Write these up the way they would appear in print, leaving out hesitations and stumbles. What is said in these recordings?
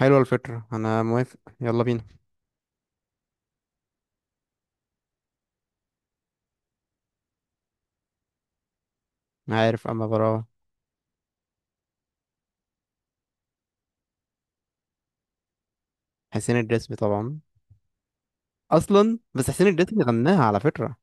حلوة الفكرة، أنا موافق، يلا بينا. أنا عارف أما براوة. حسين الجسمي طبعا. أصلا بس حسين الجسمي غناها على فكرة.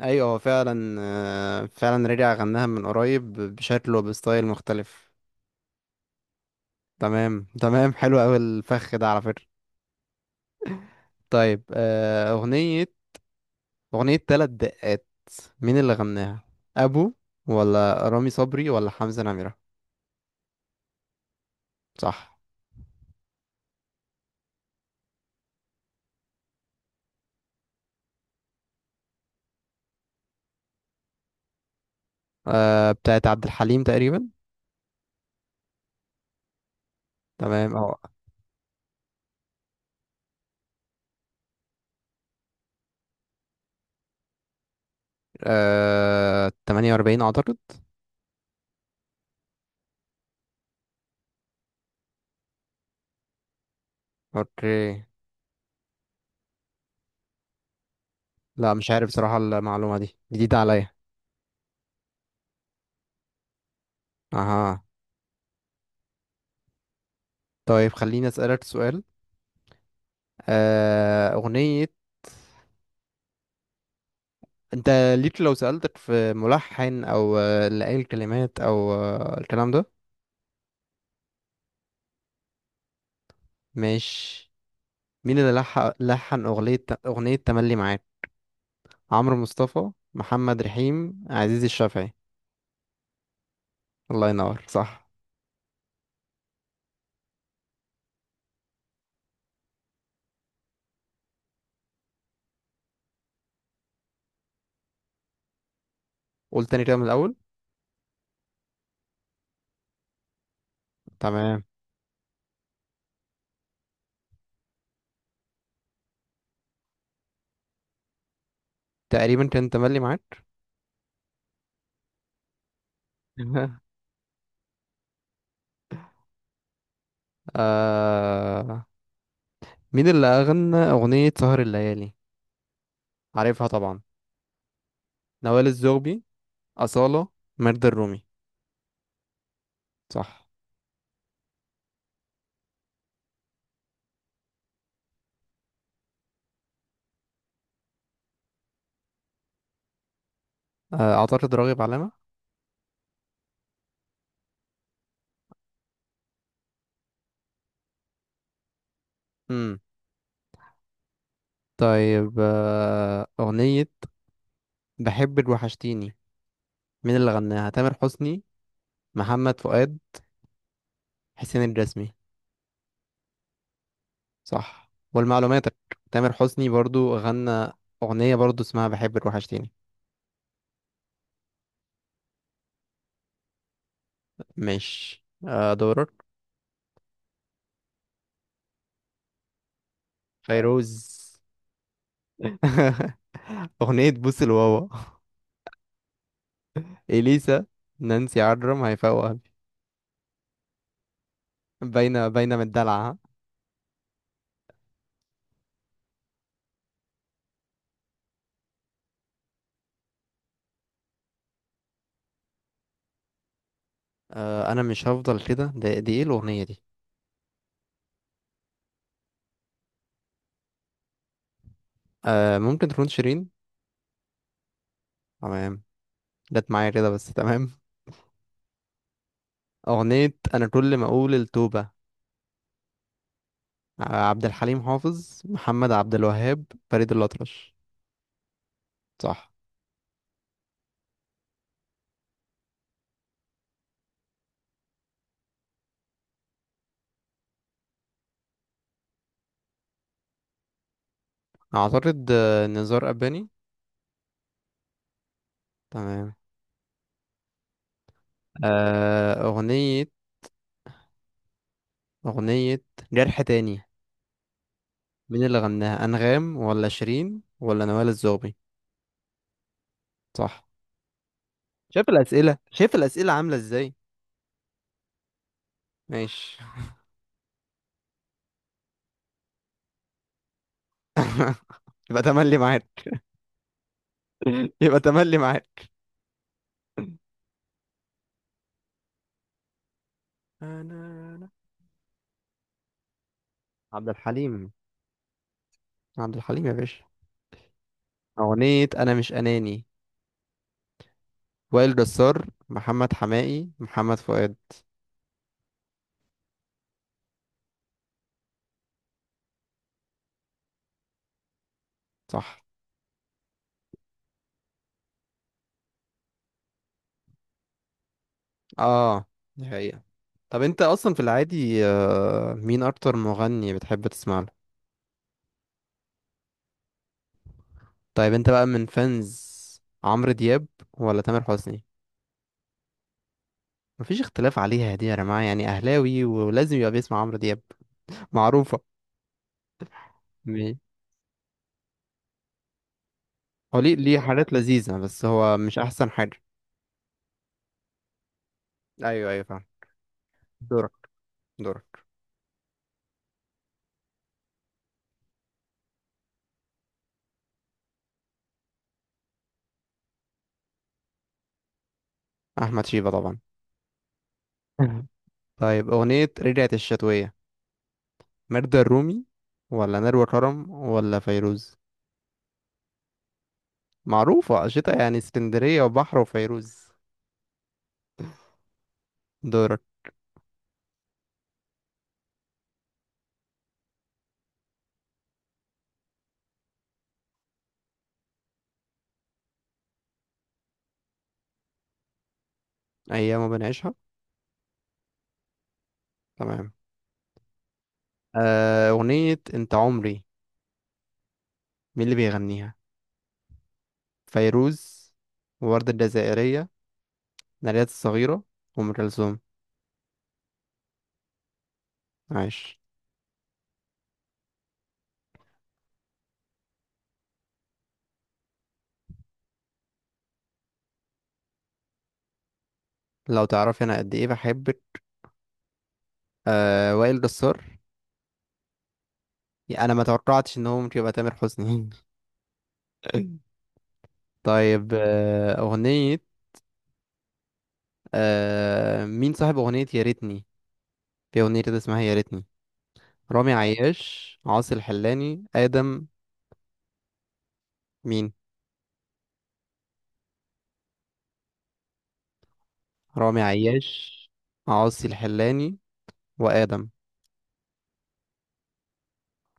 أيوة، هو فعلا رجع غناها من قريب بشكل وبستايل مختلف. تمام تمام، حلو أوي الفخ ده على فكرة. طيب، أغنية تلات دقات. مين اللي غناها؟ أبو، ولا رامي صبري، ولا حمزة نمرة؟ صح. أه، بتاعت عبد الحليم تقريبا. تمام، اه. 48 أعتقد. اوكي. لا، مش عارف صراحة، المعلومة دي جديدة عليا. اها. طيب، خليني اسألك سؤال. آه، أغنية انت ليك، لو سألتك في ملحن، او اللي قايل الكلمات، او الكلام ده. مش مين اللي لحن أغنية تملي معاك؟ عمرو مصطفى، محمد رحيم، عزيز الشافعي؟ الله ينور، صح. قول تاني كده من الأول. تمام. تقريبا كان تملي معاك. آه... مين اللي أغنى أغنية سهر الليالي؟ عارفها طبعا. نوال الزغبي، أصالة، ميرد الرومي؟ صح. أعتقد راغب علامة. امم. طيب، أغنية بحبك وحشتيني. مين اللي غناها؟ تامر حسني، محمد فؤاد، حسين الجسمي؟ صح، ولمعلوماتك تامر حسني برضو غنى أغنية برضو اسمها بحبك وحشتيني. ماشي. دورك. فيروز. أغنية بوس الواوا. إليسا، نانسي عجرم، هيفاء وهبي؟ باينة باينة من الدلع. انا مش هفضل كده، ده دي ايه الاغنيه دي؟ ممكن تكون شيرين. تمام، جت معايا كده بس. تمام. اغنيه انا كل ما اقول التوبه. عبد الحليم حافظ، محمد عبد الوهاب، فريد الاطرش؟ صح. اعتقد نزار قباني. تمام. آه اغنيه اغنيه جرح تاني. مين اللي غناها؟ انغام، ولا شيرين، ولا نوال الزغبي؟ صح. شايف الاسئله عامله ازاي؟ ماشي. يبقى تملي معاك. يبقى تملي معاك. أنا. عبد الحليم. عبد الحليم يا باشا. أغنية أنا مش أناني. وائل جسار، محمد حماقي، محمد فؤاد؟ صح. اه، دي حقيقة. طب انت اصلا في العادي، مين اكتر مغني بتحب تسمع له؟ طيب انت بقى من فانز عمرو دياب ولا تامر حسني؟ مفيش اختلاف عليها دي يا جماعة، يعني اهلاوي ولازم يبقى بيسمع عمرو دياب. معروفة. مي- هو ليه حاجات لذيذة، بس هو مش احسن حاجة. ايوه، ايوه، فاهم. دورك. دورك. احمد شيبة طبعا. طيب، أغنية رجعت الشتوية. ميردة الرومي، ولا نروى كرم، ولا فيروز؟ معروفة، شتا يعني اسكندرية وبحر وفيروز. دورك. أيام ما بنعيشها. تمام. أغنية أنت عمري. مين اللي بيغنيها؟ فيروز، ووردة الجزائرية، نارية الصغيرة، وأم كلثوم؟ عايش. لو تعرفي أنا قد إيه بحبك. وائل جسار. يعني أنا ما توقعتش إن هو ممكن يبقى تامر حسني. طيب، أغنية. مين صاحب أغنية يا ريتني؟ في أغنية كده اسمها يا ريتني. رامي عياش، عاصي الحلاني، آدم؟ مين؟ رامي عياش. عاصي الحلاني، وآدم.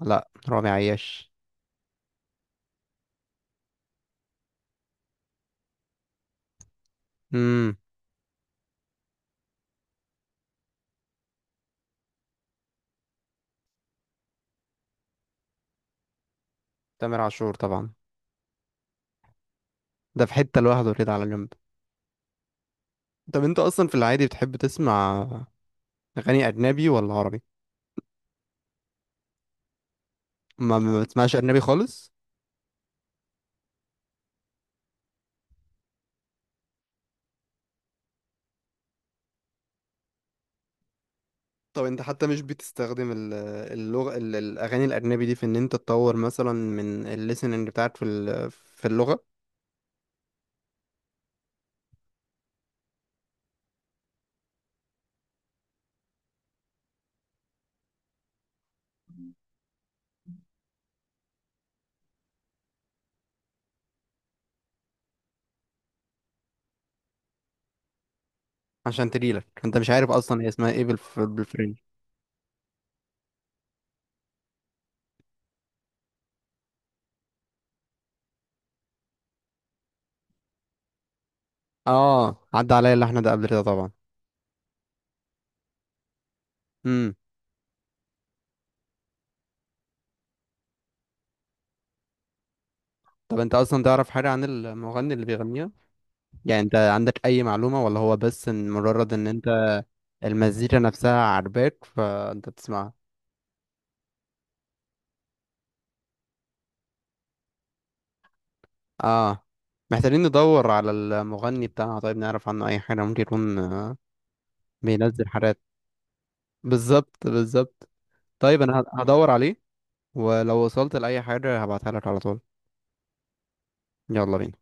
لا، رامي عياش. امم. تامر عاشور طبعا. ده في حتة لوحده كده على جنب. طب انت اصلا في العادي بتحب تسمع اغاني اجنبي ولا عربي؟ ما بتسمعش اجنبي خالص. طب انت حتى مش بتستخدم الاغاني الاجنبي دي في ان انت تطور مثلا من الليسننج بتاعك في اللغة. عشان تجيلك، انت مش عارف اصلا هي اسمها ايه بالفرنش. اه، عدى عليا اللحن ده قبل كده طبعا. امم. طب انت اصلا تعرف حاجه عن المغني اللي بيغنيها؟ يعني انت عندك اي معلومه، ولا هو بس ان مجرد ان انت. المزيكا نفسها عاجباك فانت بتسمعها. اه. محتاجين ندور على المغني بتاعها، طيب نعرف عنه اي حاجه. ممكن يكون بينزل حاجات. بالظبط، بالظبط. طيب، انا هدور عليه. ولو وصلت لاي حاجه هبعتها لك على طول. يلا بينا.